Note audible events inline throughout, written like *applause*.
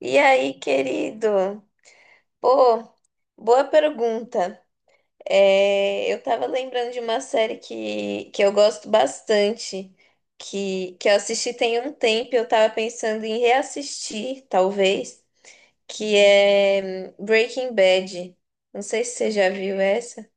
E aí, querido? Pô, boa pergunta. É, eu tava lembrando de uma série que eu gosto bastante, que eu assisti tem um tempo, e eu tava pensando em reassistir, talvez, que é Breaking Bad. Não sei se você já viu essa.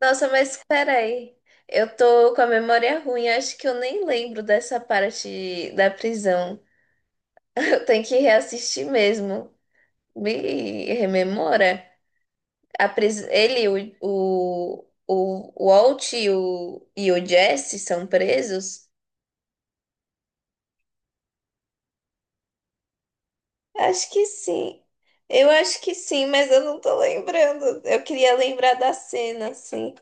Nossa, mas peraí. Eu tô com a memória ruim, acho que eu nem lembro dessa parte da prisão. *laughs* Eu tenho que reassistir mesmo. Me rememora. Ele, o Walt e o Jesse são presos? Acho que sim. Eu acho que sim, mas eu não tô lembrando. Eu queria lembrar da cena, assim.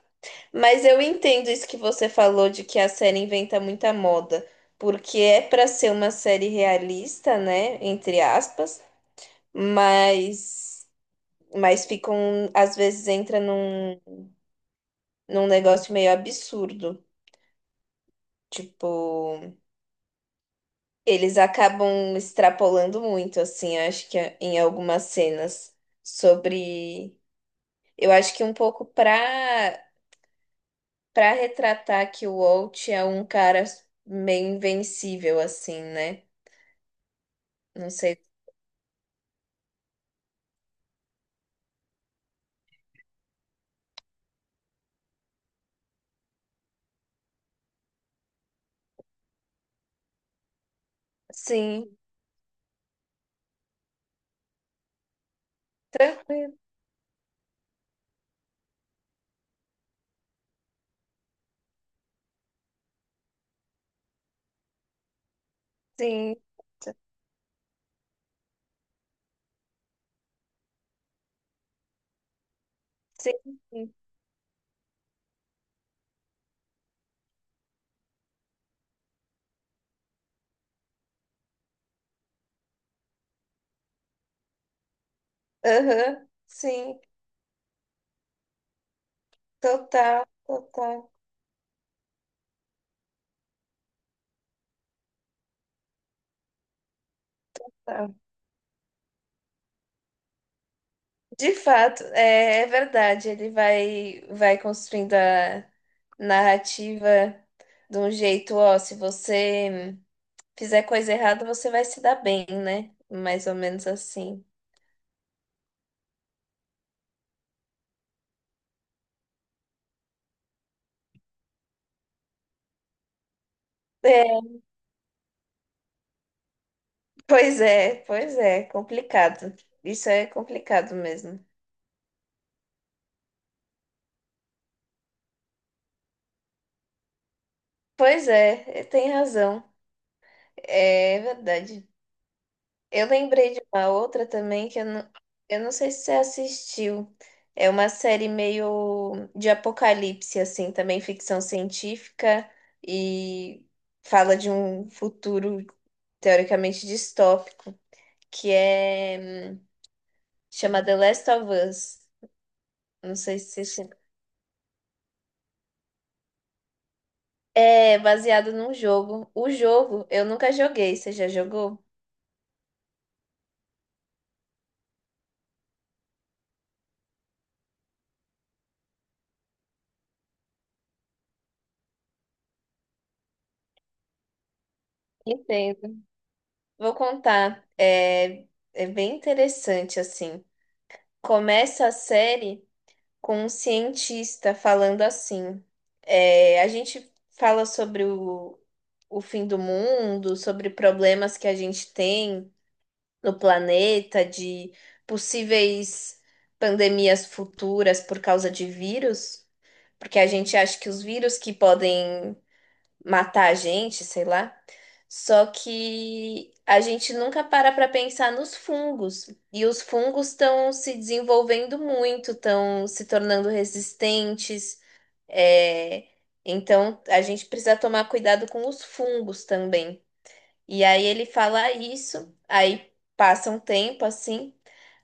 Mas eu entendo isso que você falou de que a série inventa muita moda, porque é pra ser uma série realista, né, entre aspas, mas mas ficam às vezes entra num negócio meio absurdo, tipo. Eles acabam extrapolando muito, assim, acho que em algumas cenas sobre. Eu acho que um pouco pra retratar que o Walt é um cara meio invencível, assim, né? Não sei. Sim, tranquilo, sim, sim, sim, aham, sim, total, total. Total. De fato, é, é verdade. Vai construindo a narrativa de um jeito, ó, se você fizer coisa errada, você vai se dar bem, né? Mais ou menos assim. É, pois é, pois é, complicado. Isso é complicado mesmo. Pois é, é, tem razão. É verdade. Eu lembrei de uma outra também que eu não sei se você assistiu. É uma série meio de apocalipse, assim, também ficção científica e fala de um futuro teoricamente distópico, que é chama The Last of Us. Não sei se você... É baseado num jogo. O jogo eu nunca joguei. Você já jogou? Entendo. Vou contar. É, é bem interessante, assim. Começa a série com um cientista falando assim. É, a gente fala sobre o fim do mundo, sobre problemas que a gente tem no planeta, de possíveis pandemias futuras por causa de vírus, porque a gente acha que os vírus que podem matar a gente, sei lá. Só que a gente nunca para pensar nos fungos. E os fungos estão se desenvolvendo muito, estão se tornando resistentes. É, então a gente precisa tomar cuidado com os fungos também. E aí ele fala isso, aí passa um tempo assim,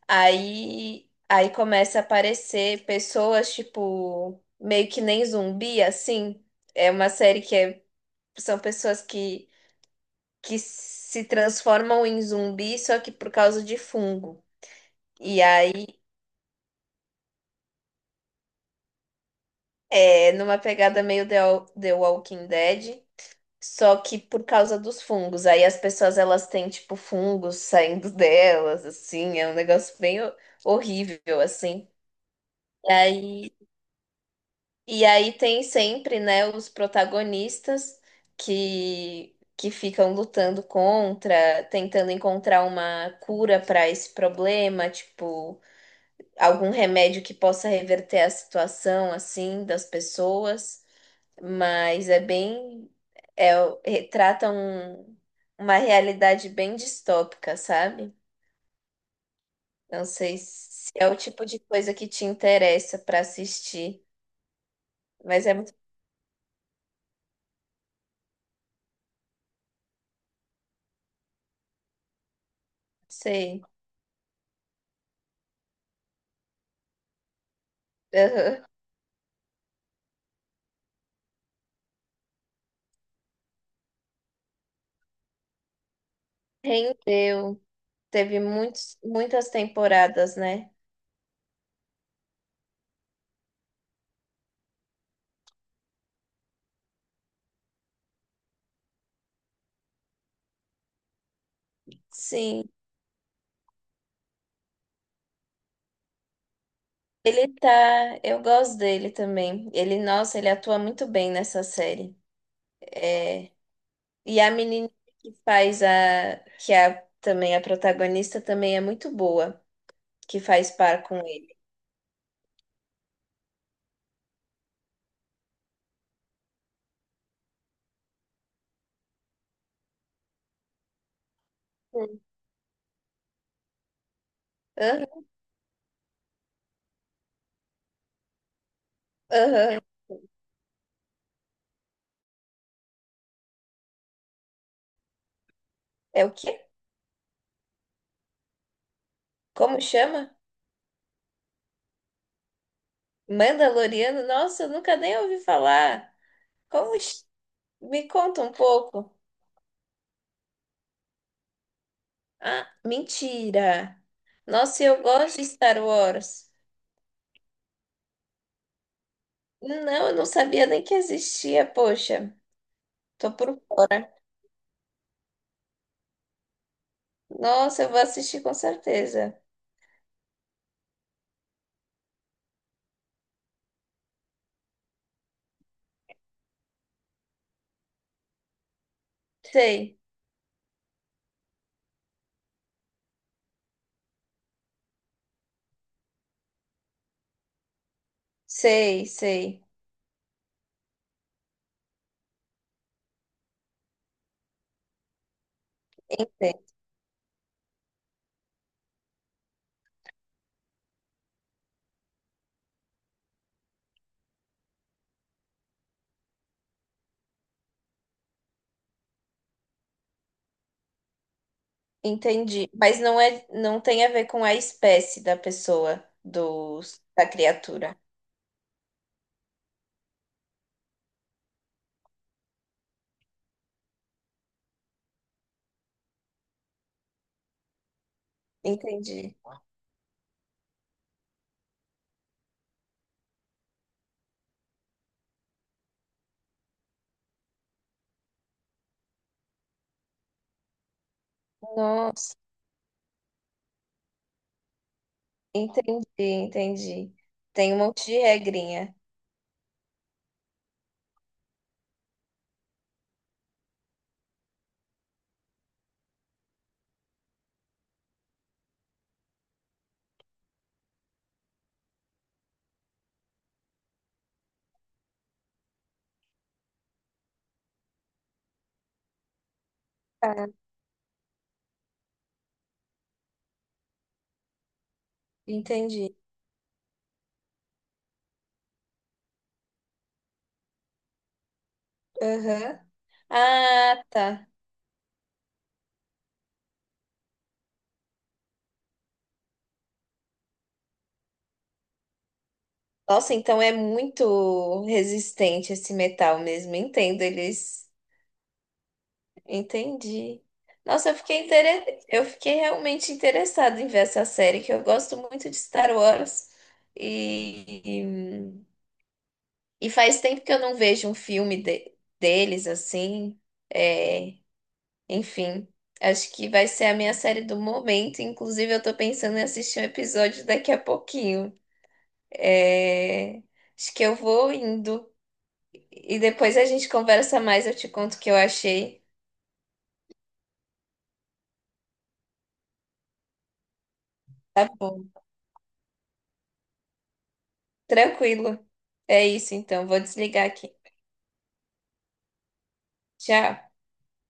aí começa a aparecer pessoas, tipo, meio que nem zumbi, assim. É uma série que é são pessoas que se transformam em zumbi, só que por causa de fungo. E aí é numa pegada meio The Walking Dead, só que por causa dos fungos. Aí as pessoas elas têm tipo fungos saindo delas, assim, é um negócio bem horrível assim. E aí, e aí tem sempre, né, os protagonistas que que ficam lutando contra, tentando encontrar uma cura para esse problema, tipo algum remédio que possa reverter a situação assim das pessoas, mas é bem é, retrata um- uma realidade bem distópica, sabe? Não sei se é o tipo de coisa que te interessa para assistir, mas é muito, sei. Aham. Rendeu, teve muitos, muitas temporadas, né? Sim. Ele tá, eu gosto dele também. Ele, nossa, ele atua muito bem nessa série. E a menina que faz a, que é também a protagonista, também é muito boa, que faz par com ele. Hum. Aham, aham. É o quê? Como chama? Mandaloriano? Nossa, eu nunca nem ouvi falar. Como... ch- Me conta um pouco. Ah, mentira. Nossa, eu gosto de Star Wars. Não, eu não sabia nem que existia, poxa. Tô por fora. Nossa, eu vou assistir com certeza. Sei, sei, sei. Entendi. Mas não é, não tem a ver com a espécie da pessoa, do, da criatura. Entendi. Nossa, entendi, entendi. Tem um monte de regrinha. Tá, entendi. Aham. Ah, tá. Nossa, então é muito resistente esse metal mesmo. Entendo eles. Entendi. Nossa, eu fiquei realmente interessada em ver essa série, que eu gosto muito de Star Wars. E e faz tempo que eu não vejo deles assim. É, enfim, acho que vai ser a minha série do momento. Inclusive, eu tô pensando em assistir um episódio daqui a pouquinho. É, acho que eu vou indo. E depois a gente conversa mais, eu te conto o que eu achei. Tá bom. Tranquilo. É isso, então. Vou desligar aqui. Tchau.